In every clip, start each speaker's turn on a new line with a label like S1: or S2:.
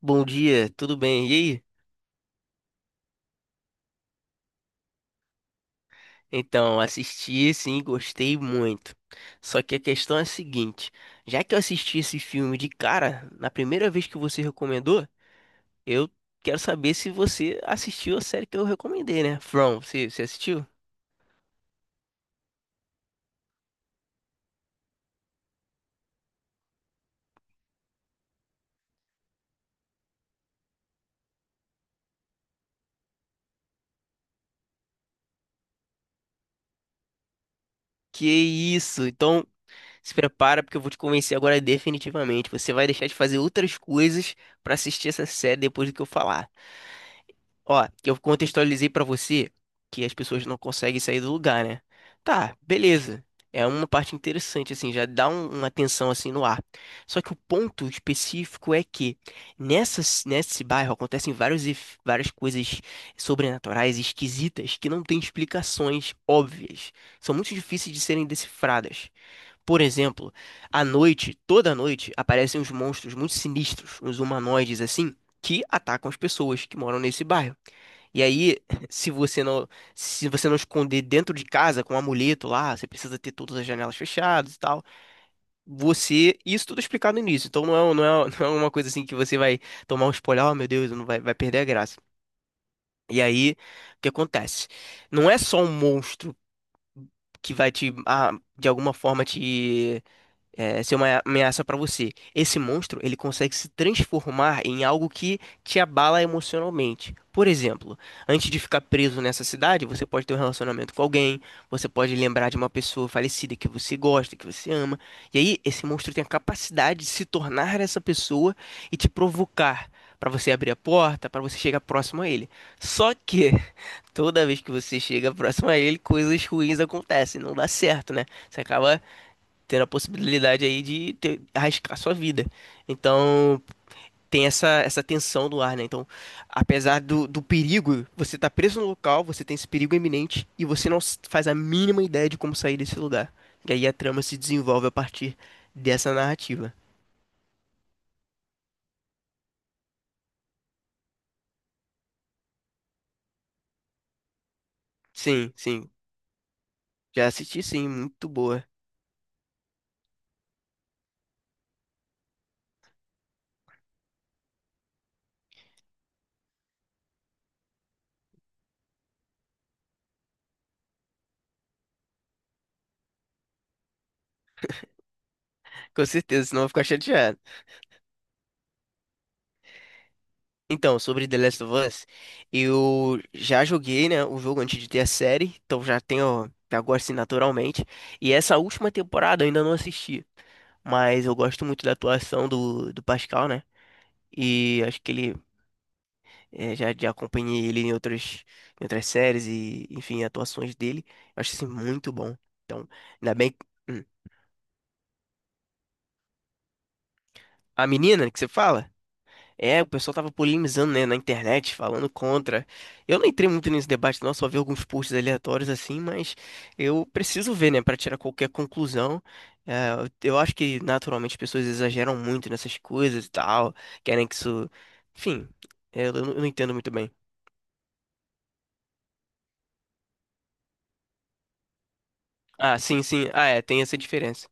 S1: Bom dia, tudo bem? E aí? Então, assisti, sim, gostei muito. Só que a questão é a seguinte: já que eu assisti esse filme de cara, na primeira vez que você recomendou, eu quero saber se você assistiu a série que eu recomendei, né? From, você assistiu? Que isso! Então, se prepara porque eu vou te convencer agora definitivamente. Você vai deixar de fazer outras coisas pra assistir essa série depois do que eu falar. Ó, eu contextualizei pra você que as pessoas não conseguem sair do lugar, né? Tá, beleza. É uma parte interessante, assim, já dá uma tensão assim no ar. Só que o ponto específico é que nesse bairro acontecem várias coisas sobrenaturais, esquisitas, que não têm explicações óbvias. São muito difíceis de serem decifradas. Por exemplo, à noite, toda noite, aparecem uns monstros muito sinistros, uns humanoides assim, que atacam as pessoas que moram nesse bairro. E aí, se você não, se você não esconder dentro de casa com um amuleto lá, você precisa ter todas as janelas fechadas e tal. Você, isso tudo é explicado no início. Então não é uma coisa assim que você vai tomar um spoiler, oh meu Deus, não vai, vai perder a graça. E aí, o que acontece? Não é só um monstro que vai te de alguma forma te ser uma ameaça pra você. Esse monstro, ele consegue se transformar em algo que te abala emocionalmente. Por exemplo, antes de ficar preso nessa cidade, você pode ter um relacionamento com alguém, você pode lembrar de uma pessoa falecida que você gosta, que você ama. E aí, esse monstro tem a capacidade de se tornar essa pessoa e te provocar pra você abrir a porta, pra você chegar próximo a ele. Só que toda vez que você chega próximo a ele, coisas ruins acontecem, não dá certo, né? Você acaba ter a possibilidade aí de arriscar sua vida. Então, tem essa tensão do ar, né? Então, apesar do perigo, você tá preso no local, você tem esse perigo iminente e você não s- faz a mínima ideia de como sair desse lugar. E aí a trama se desenvolve a partir dessa narrativa. Sim, sim. Já assisti, sim. Muito boa. Com certeza, senão eu vou ficar chateado. Então, sobre The Last of Us, eu já joguei, né, o jogo antes de ter a série, então já gosto assim, naturalmente. E essa última temporada eu ainda não assisti, mas eu gosto muito da atuação do Pascal, né? E acho que ele já acompanhei ele em em outras séries e, enfim, atuações dele. Eu acho assim muito bom. Então, ainda bem. Hum. A menina que você fala? É, o pessoal tava polemizando, né, na internet, falando contra. Eu não entrei muito nesse debate, não, só vi alguns posts aleatórios assim, mas eu preciso ver, né, para tirar qualquer conclusão. É, eu acho que naturalmente as pessoas exageram muito nessas coisas e tal, querem que isso. Enfim, eu não entendo muito bem. Ah, sim, sim. Ah, é, tem essa diferença.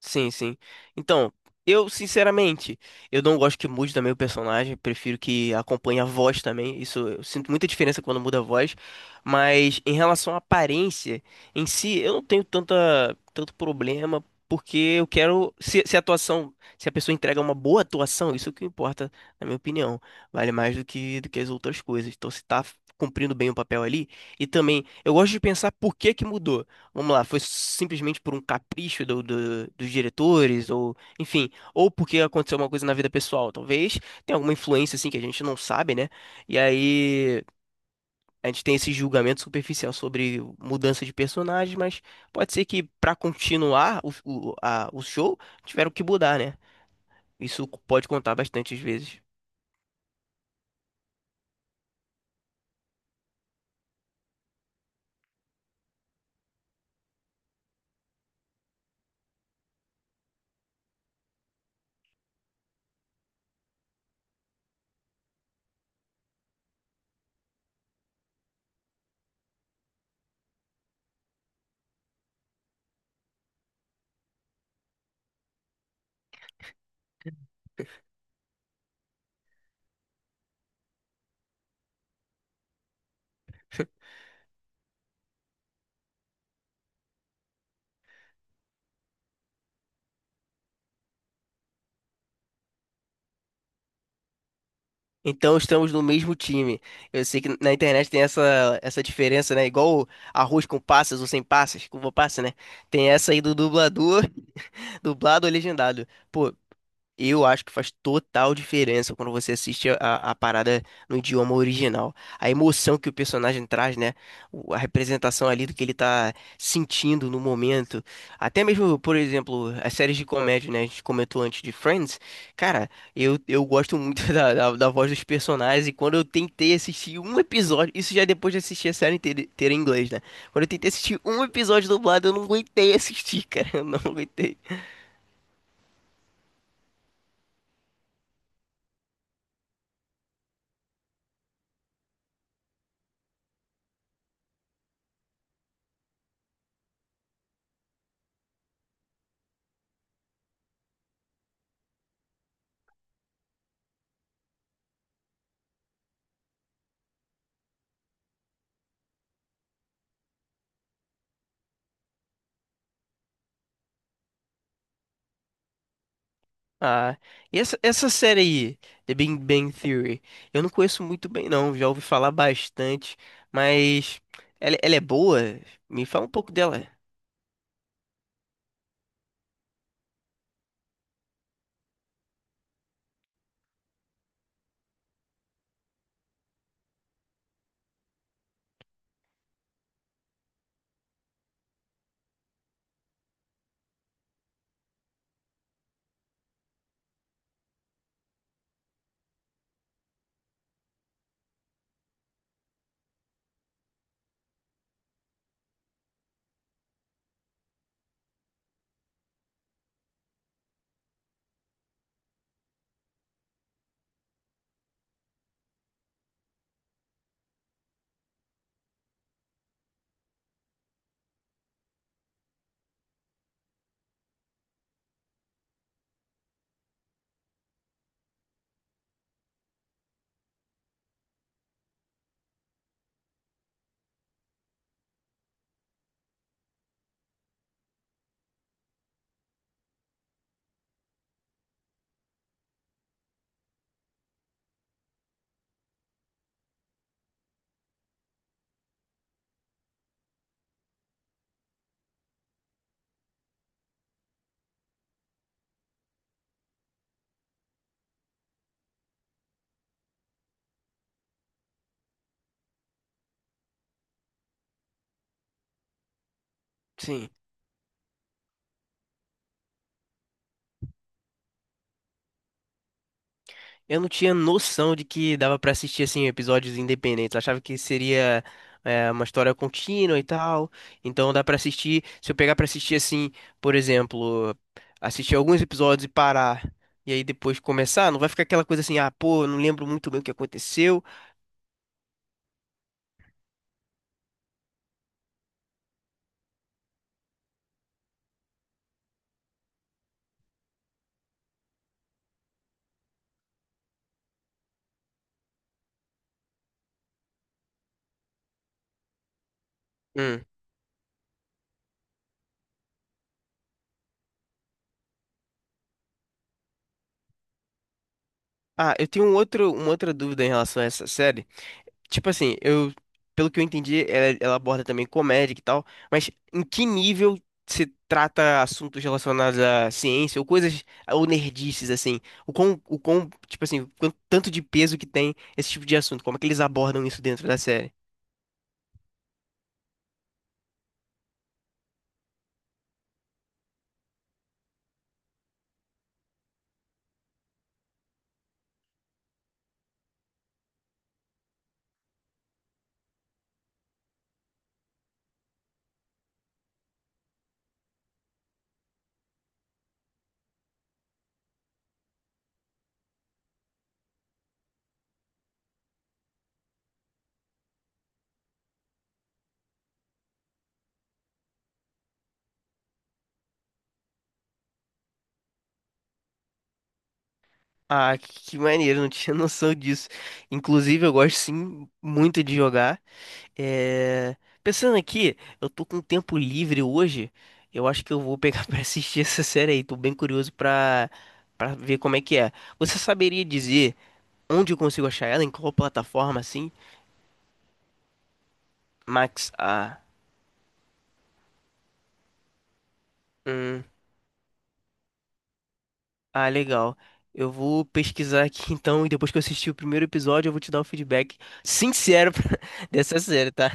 S1: Sim, sim. Então, eu, sinceramente, eu não gosto que mude também o personagem, prefiro que acompanhe a voz também. Isso eu sinto muita diferença quando muda a voz, mas em relação à aparência em si, eu não tenho tanta tanto problema, porque eu quero se a atuação, se a pessoa entrega uma boa atuação, isso é o que importa, na minha opinião, vale mais do que as outras coisas. Então, se tá cumprindo bem o papel ali, e também eu gosto de pensar por que que mudou. Vamos lá, foi simplesmente por um capricho dos diretores, ou enfim, ou porque aconteceu uma coisa na vida pessoal, talvez tenha alguma influência assim que a gente não sabe, né? E aí a gente tem esse julgamento superficial sobre mudança de personagem, mas pode ser que pra continuar o show tiveram que mudar, né? Isso pode contar bastante às vezes. Então estamos no mesmo time. Eu sei que na internet tem essa diferença, né? Igual arroz com passas ou sem passas, com uva passa, né? Tem essa aí do dublador, dublado ou legendado. Pô, eu acho que faz total diferença quando você assiste a parada no idioma original. A emoção que o personagem traz, né? A representação ali do que ele tá sentindo no momento. Até mesmo, por exemplo, as séries de comédia, né? A gente comentou antes de Friends. Cara, eu gosto muito da voz dos personagens. E quando eu tentei assistir um episódio, isso já é depois de assistir a série inteira em inglês, né? Quando eu tentei assistir um episódio dublado, eu não aguentei assistir, cara. Eu não aguentei. Ah, e essa série aí, The Big Bang Theory, eu não conheço muito bem não, já ouvi falar bastante, mas ela é boa? Me fala um pouco dela. Sim, eu não tinha noção de que dava pra assistir assim episódios independentes, eu achava que seria uma história contínua e tal, então dá pra assistir, se eu pegar pra assistir assim, por exemplo, assistir alguns episódios e parar, e aí depois começar, não vai ficar aquela coisa assim, ah, pô, eu não lembro muito bem o que aconteceu. Hum. Ah, eu tenho uma outra dúvida em relação a essa série. Tipo assim, eu, pelo que eu entendi, ela aborda também comédia e tal, mas em que nível se trata assuntos relacionados à ciência ou coisas, ou nerdices, assim? Tipo assim, quanto, tanto de peso que tem esse tipo de assunto? Como é que eles abordam isso dentro da série? Ah, que maneiro, não tinha noção disso. Inclusive, eu gosto sim muito de jogar. É, pensando aqui, eu tô com tempo livre hoje. Eu acho que eu vou pegar pra assistir essa série aí. Tô bem curioso pra para ver como é que é. Você saberia dizer onde eu consigo achar ela? Em qual plataforma assim? Max A. Hum, ah, legal. Eu vou pesquisar aqui então e depois que eu assistir o primeiro episódio, eu vou te dar o feedback sincero dessa série, tá?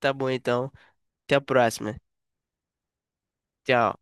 S1: Tá bom então. Até a próxima. Tchau.